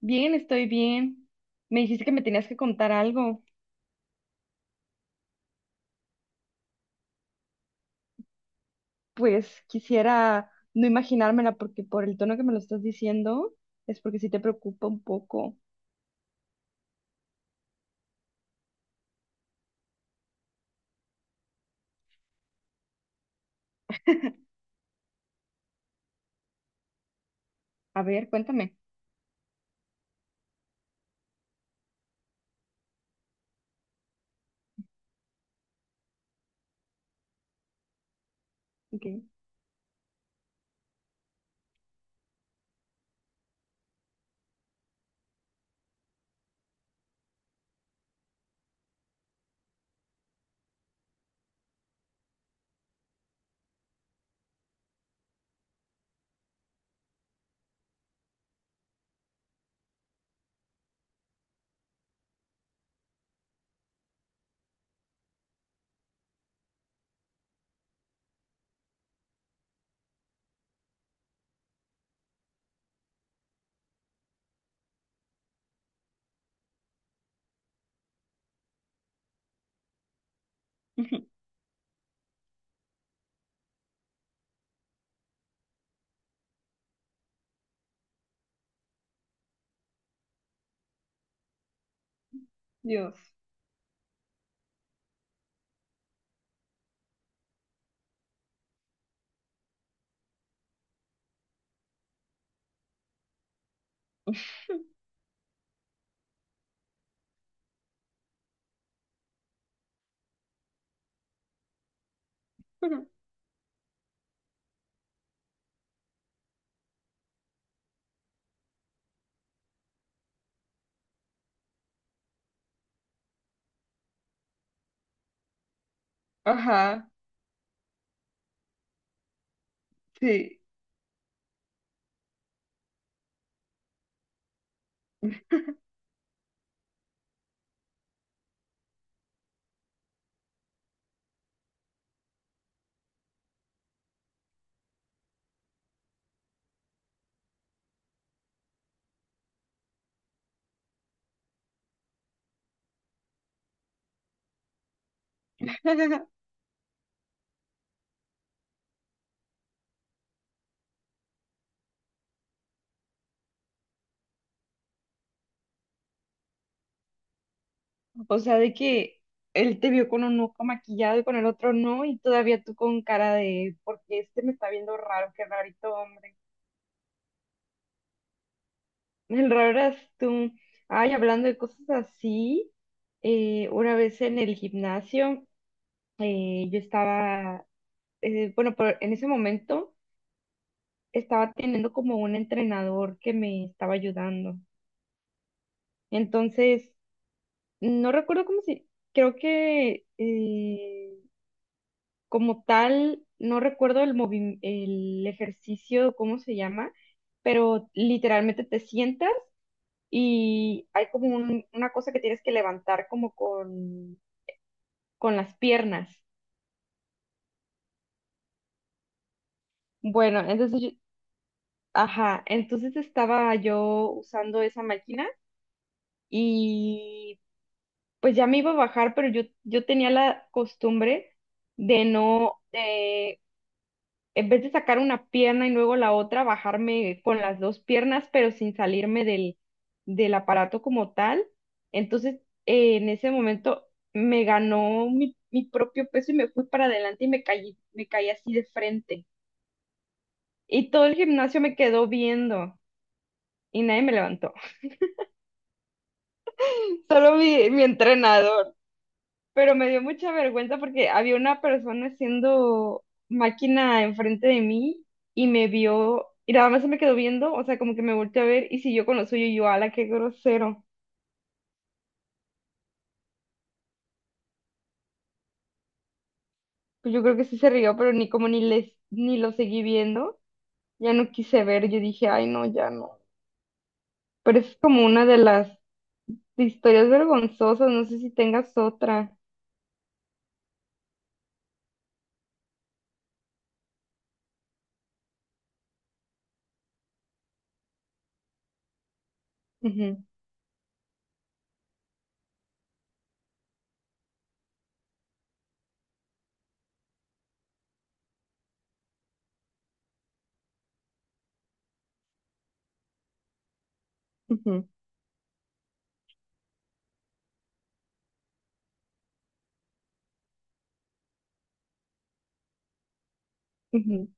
Bien, estoy bien. Me dijiste que me tenías que contar algo. Pues quisiera no imaginármela porque por el tono que me lo estás diciendo es porque sí te preocupa un poco. A ver, cuéntame. Ok. Dios. Ajá, sí. O sea, de que él te vio con un ojo maquillado y con el otro no, y todavía tú con cara de, porque este me está viendo raro, qué rarito hombre. El raro tú. Ay, hablando de cosas así, una vez en el gimnasio, eh, yo estaba, bueno, pero en ese momento estaba teniendo como un entrenador que me estaba ayudando. Entonces, no recuerdo cómo se creo que como tal, no recuerdo el el ejercicio, cómo se llama, pero literalmente te sientas y hay como una cosa que tienes que levantar como con las piernas. Bueno, entonces ajá, entonces estaba yo usando esa máquina y pues ya me iba a bajar, pero yo tenía la costumbre de no, en vez de sacar una pierna y luego la otra, bajarme con las dos piernas, pero sin salirme del aparato como tal. Entonces, en ese momento me ganó mi propio peso y me fui para adelante y me caí así de frente. Y todo el gimnasio me quedó viendo y nadie me levantó, solo mi entrenador. Pero me dio mucha vergüenza porque había una persona haciendo máquina enfrente de mí y me vio y nada más se me quedó viendo, o sea, como que me volteó a ver y siguió con lo suyo y yo, ala, qué grosero. Pues yo creo que sí se rió, pero ni como ni les ni lo seguí viendo, ya no quise ver, yo dije, ay, no, ya no. Pero es como una de las historias vergonzosas, no sé si tengas otra. Ujú, ujú, ujú.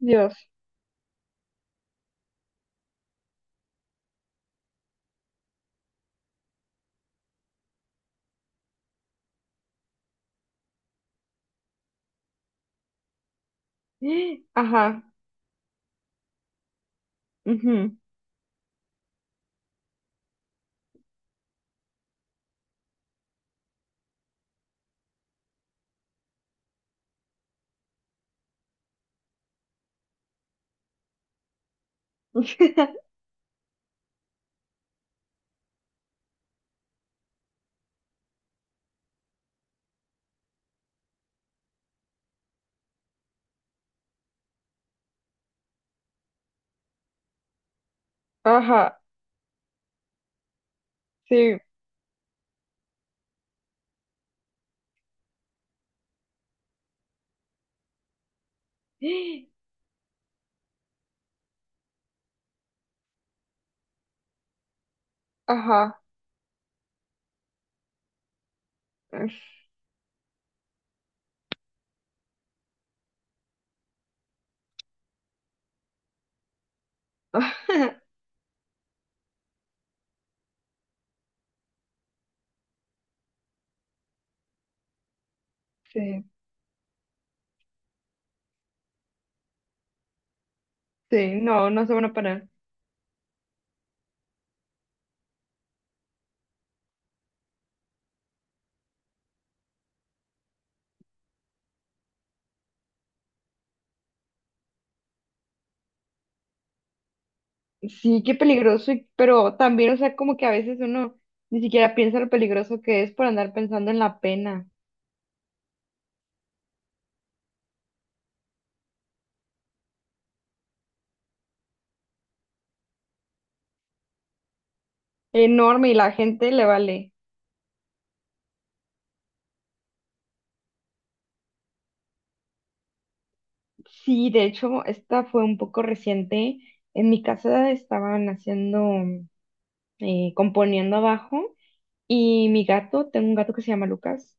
Dios. Ajá. Ujú. Ajá, sí. Ajá. es- Sí, sí, no, no se van a parar. Sí, qué peligroso, pero también, o sea, como que a veces uno ni siquiera piensa lo peligroso que es por andar pensando en la pena. Enorme, y la gente le vale. Sí, de hecho, esta fue un poco reciente. En mi casa estaban haciendo, componiendo abajo. Y mi gato, tengo un gato que se llama Lucas,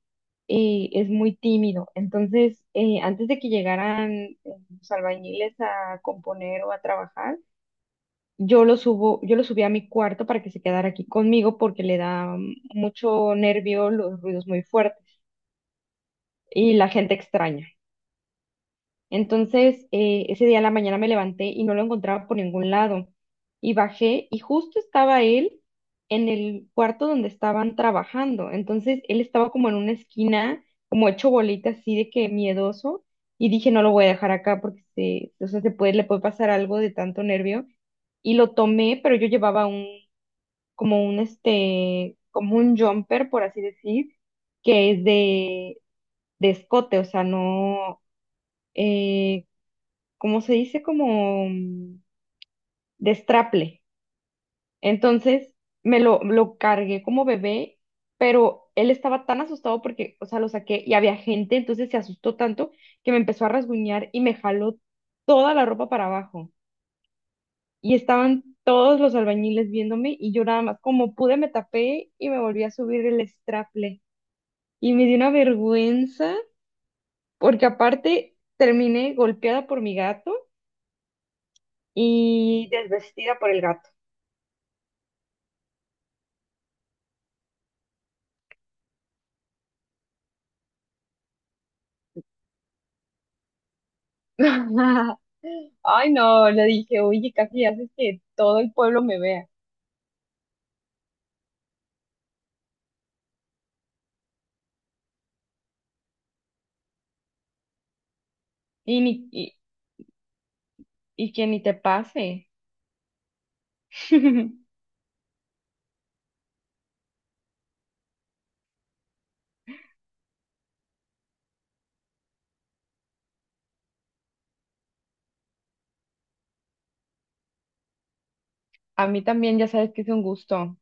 es muy tímido. Entonces, antes de que llegaran los albañiles a componer o a trabajar, yo lo subo, yo lo subí a mi cuarto para que se quedara aquí conmigo porque le da mucho nervio los ruidos muy fuertes y la gente extraña. Entonces, ese día en la mañana me levanté y no lo encontraba por ningún lado. Y bajé y justo estaba él en el cuarto donde estaban trabajando. Entonces, él estaba como en una esquina, como hecho bolita así de que miedoso. Y dije, no lo voy a dejar acá porque se, o sea, se puede, le puede pasar algo de tanto nervio. Y lo tomé, pero yo llevaba como un, este, como un jumper, por así decir, que es de escote, o sea, no, eh, como se dice, como destraple. Entonces lo cargué como bebé, pero él estaba tan asustado porque, o sea, lo saqué y había gente, entonces se asustó tanto que me empezó a rasguñar y me jaló toda la ropa para abajo. Y estaban todos los albañiles viéndome y yo nada más, como pude, me tapé y me volví a subir el straple. Y me dio una vergüenza porque aparte terminé golpeada por mi gato y desvestida por el gato. Ay, no, le dije, oye, casi haces que todo el pueblo me vea. Y, ni, y, y que ni te pase. A mí también ya sabes que es un gusto.